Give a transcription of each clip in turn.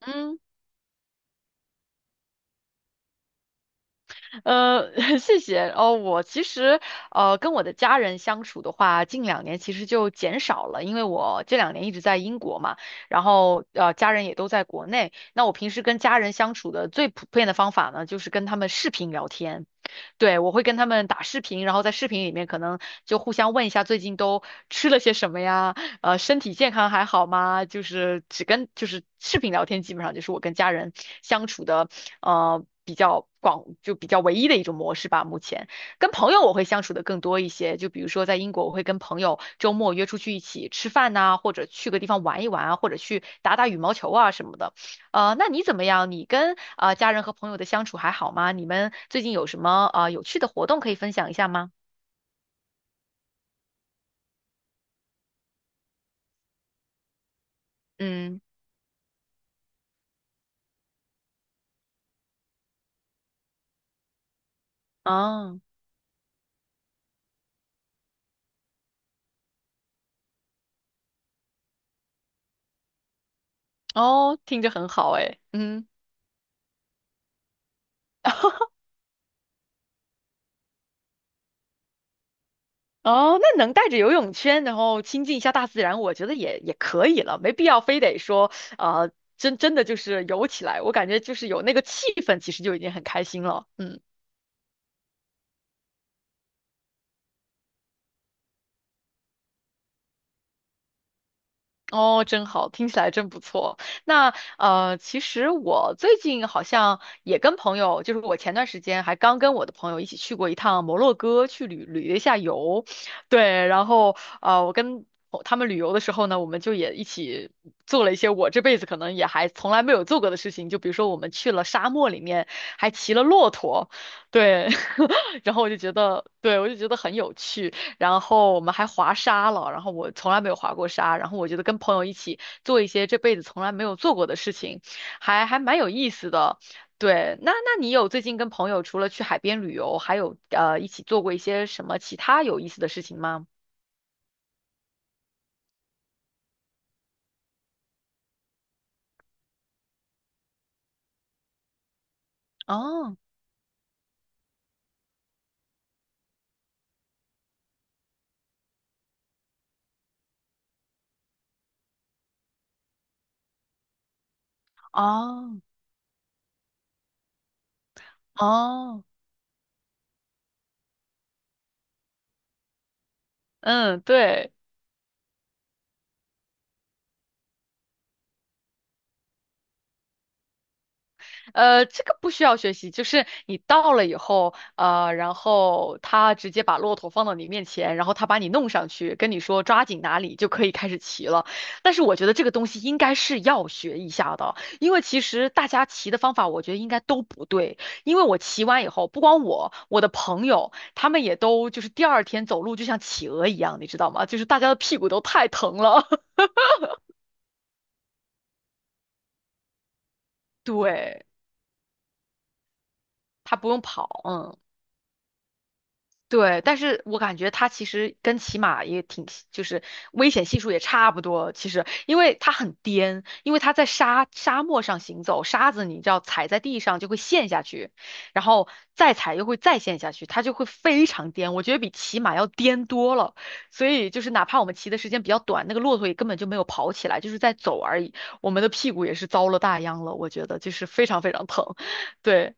嗯，呃，谢谢。哦，我其实跟我的家人相处的话，近两年其实就减少了，因为我这两年一直在英国嘛，然后家人也都在国内。那我平时跟家人相处的最普遍的方法呢，就是跟他们视频聊天。对，我会跟他们打视频，然后在视频里面可能就互相问一下最近都吃了些什么呀，身体健康还好吗？就是只跟就是视频聊天，基本上就是我跟家人相处的比较广，就比较唯一的一种模式吧。目前跟朋友我会相处的更多一些，就比如说在英国，我会跟朋友周末约出去一起吃饭呐、或者去个地方玩一玩啊，或者去打打羽毛球啊什么的。那你怎么样？你跟家人和朋友的相处还好吗？你们最近有什么有趣的活动可以分享一下吗？嗯，啊，哦，听着很好诶。嗯，哦，那能带着游泳圈，然后亲近一下大自然，我觉得也可以了，没必要非得说，呃，真的就是游起来，我感觉就是有那个气氛，其实就已经很开心了。嗯。哦，真好，听起来真不错。那其实我最近好像也跟朋友，就是我前段时间还刚跟我的朋友一起去过一趟摩洛哥，去旅了一下游。对，然后我跟他们旅游的时候呢，我们就也一起做了一些我这辈子可能也还从来没有做过的事情，就比如说我们去了沙漠里面，还骑了骆驼，对，然后我就觉得，对，我就觉得很有趣。然后我们还滑沙了，然后我从来没有滑过沙，然后我觉得跟朋友一起做一些这辈子从来没有做过的事情，还蛮有意思的。对，那那你有最近跟朋友除了去海边旅游，还有一起做过一些什么其他有意思的事情吗？哦哦哦，嗯，对。这个不需要学习，就是你到了以后，然后他直接把骆驼放到你面前，然后他把你弄上去，跟你说抓紧哪里就可以开始骑了。但是我觉得这个东西应该是要学一下的，因为其实大家骑的方法，我觉得应该都不对。因为我骑完以后，不光我，我的朋友他们也都就是第二天走路就像企鹅一样，你知道吗？就是大家的屁股都太疼了。对，他不用跑，嗯。对，但是我感觉它其实跟骑马也挺，就是危险系数也差不多。其实，因为它很颠，因为它在沙漠上行走，沙子你知道踩在地上就会陷下去，然后再踩又会再陷下去，它就会非常颠。我觉得比骑马要颠多了。所以就是哪怕我们骑的时间比较短，那个骆驼也根本就没有跑起来，就是在走而已。我们的屁股也是遭了大殃了，我觉得就是非常非常疼。对，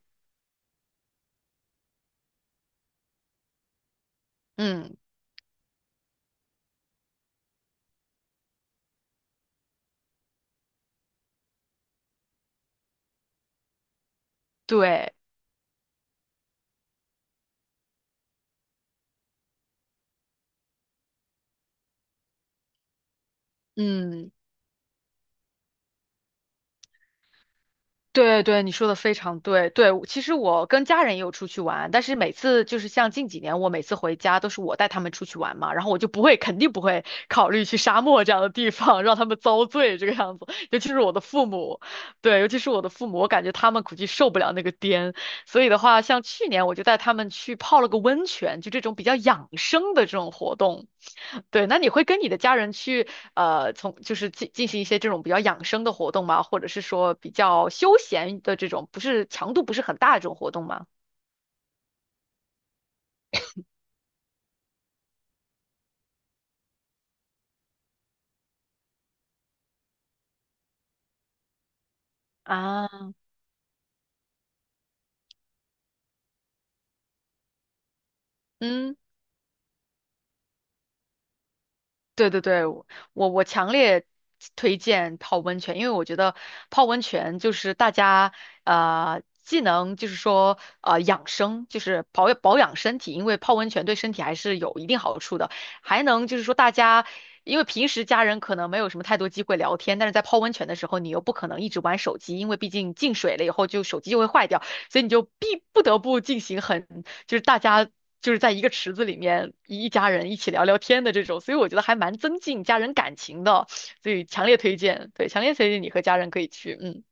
嗯，对，嗯。对对，你说的非常对。对，其实我跟家人也有出去玩，但是每次就是像近几年，我每次回家都是我带他们出去玩嘛，然后我就不会，肯定不会考虑去沙漠这样的地方让他们遭罪这个样子。尤其是我的父母，对，尤其是我的父母，我感觉他们估计受不了那个颠，所以的话，像去年我就带他们去泡了个温泉，就这种比较养生的这种活动。对，那你会跟你的家人去从就是进行一些这种比较养生的活动吗？或者是说比较休闲的这种，不是强度不是很大的这种活动吗？啊，嗯。对对对，我强烈推荐泡温泉，因为我觉得泡温泉就是大家既能就是说养生，就是保养身体，因为泡温泉对身体还是有一定好处的，还能就是说大家因为平时家人可能没有什么太多机会聊天，但是在泡温泉的时候，你又不可能一直玩手机，因为毕竟进水了以后就手机就会坏掉，所以你就不得不进行很就是大家就是在一个池子里面一家人一起聊聊天的这种，所以我觉得还蛮增进家人感情的，所以强烈推荐，对，强烈推荐你和家人可以去，嗯。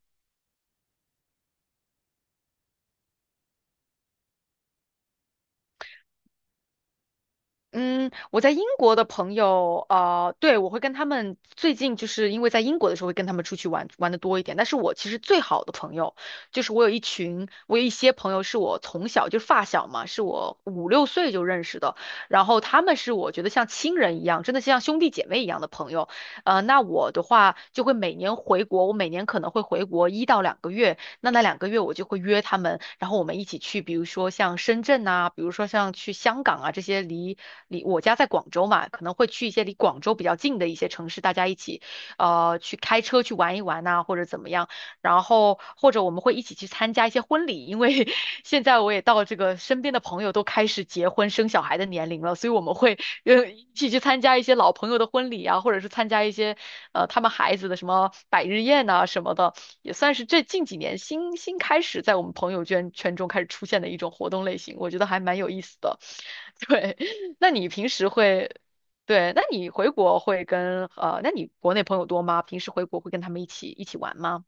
嗯，我在英国的朋友，对，我会跟他们最近就是因为在英国的时候会跟他们出去玩玩的多一点。但是我其实最好的朋友，就是我有一群，我有一些朋友是我从小就是发小嘛，是我五六岁就认识的，然后他们是我觉得像亲人一样，真的像兄弟姐妹一样的朋友。那我的话就会每年回国，我每年可能会回国一到两个月，那那两个月我就会约他们，然后我们一起去，比如说像深圳呐、比如说像去香港啊这些离我家在广州嘛，可能会去一些离广州比较近的一些城市，大家一起去开车去玩一玩呐、或者怎么样。然后或者我们会一起去参加一些婚礼，因为 现在我也到这个身边的朋友都开始结婚生小孩的年龄了，所以我们会一起去参加一些老朋友的婚礼啊，或者是参加一些他们孩子的什么百日宴呐、什么的。也算是这近几年新开始在我们朋友圈中开始出现的一种活动类型，我觉得还蛮有意思的。对，那你平时会，对，那你回国会跟那你国内朋友多吗？平时回国会跟他们一起玩吗？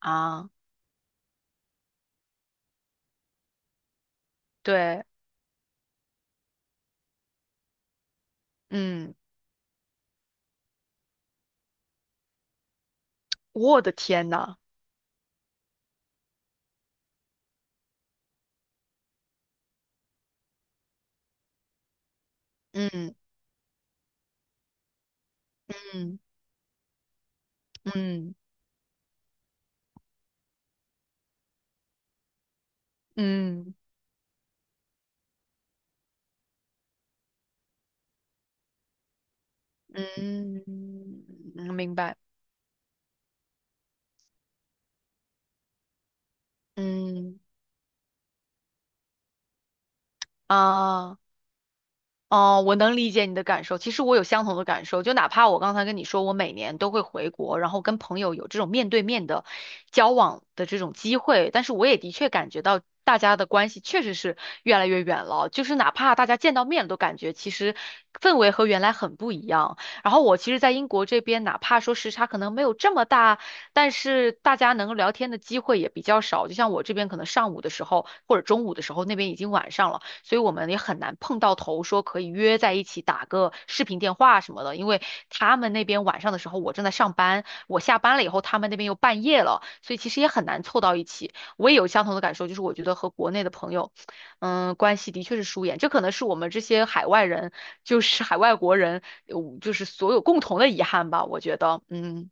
啊，对，嗯，我的天呐，嗯嗯嗯嗯嗯，嗯明白，嗯啊。哦，我能理解你的感受。其实我有相同的感受，就哪怕我刚才跟你说，我每年都会回国，然后跟朋友有这种面对面的交往的这种机会，但是我也的确感觉到大家的关系确实是越来越远了。就是哪怕大家见到面了都感觉其实氛围和原来很不一样。然后我其实，在英国这边，哪怕说时差可能没有这么大，但是大家能够聊天的机会也比较少。就像我这边可能上午的时候或者中午的时候，那边已经晚上了。所以我们也很难碰到头，说可以约在一起打个视频电话什么的。因为他们那边晚上的时候我正在上班，我下班了以后他们那边又半夜了，所以其实也很难凑到一起。我也有相同的感受，就是我觉得和国内的朋友，嗯，关系的确是疏远。这可能是我们这些海外人，就是海外国人，就是所有共同的遗憾吧。我觉得，嗯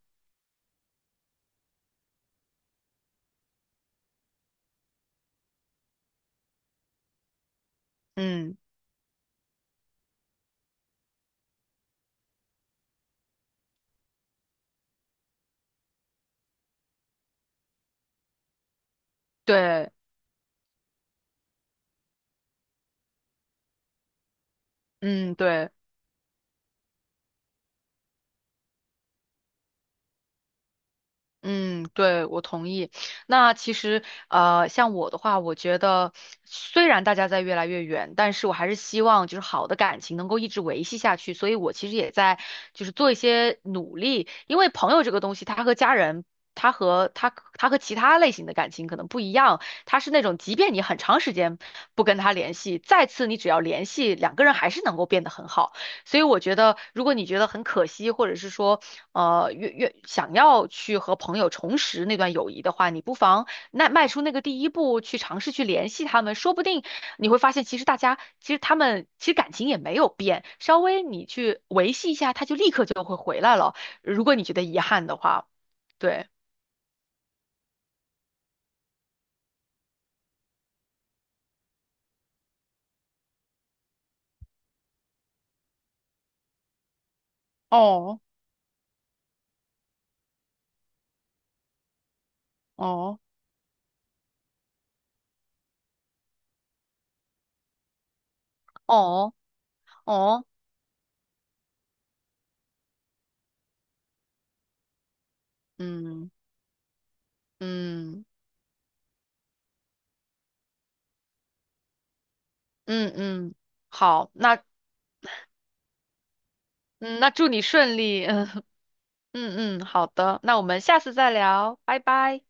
嗯，对，嗯对。嗯，对，我同意。那其实，像我的话，我觉得虽然大家在越来越远，但是我还是希望就是好的感情能够一直维系下去。所以我其实也在就是做一些努力，因为朋友这个东西，他和家人，他和他他和其他类型的感情可能不一样，他是那种即便你很长时间不跟他联系，再次你只要联系，两个人还是能够变得很好。所以我觉得，如果你觉得很可惜，或者是说越想要去和朋友重拾那段友谊的话，你不妨那迈出那个第一步，去尝试去联系他们，说不定你会发现，其实大家其实他们其实感情也没有变，稍微你去维系一下，他就立刻就会回来了。如果你觉得遗憾的话，对，哦哦，哦哦，嗯嗯嗯嗯，好，那祝你顺利，嗯嗯嗯，好的，那我们下次再聊，拜拜。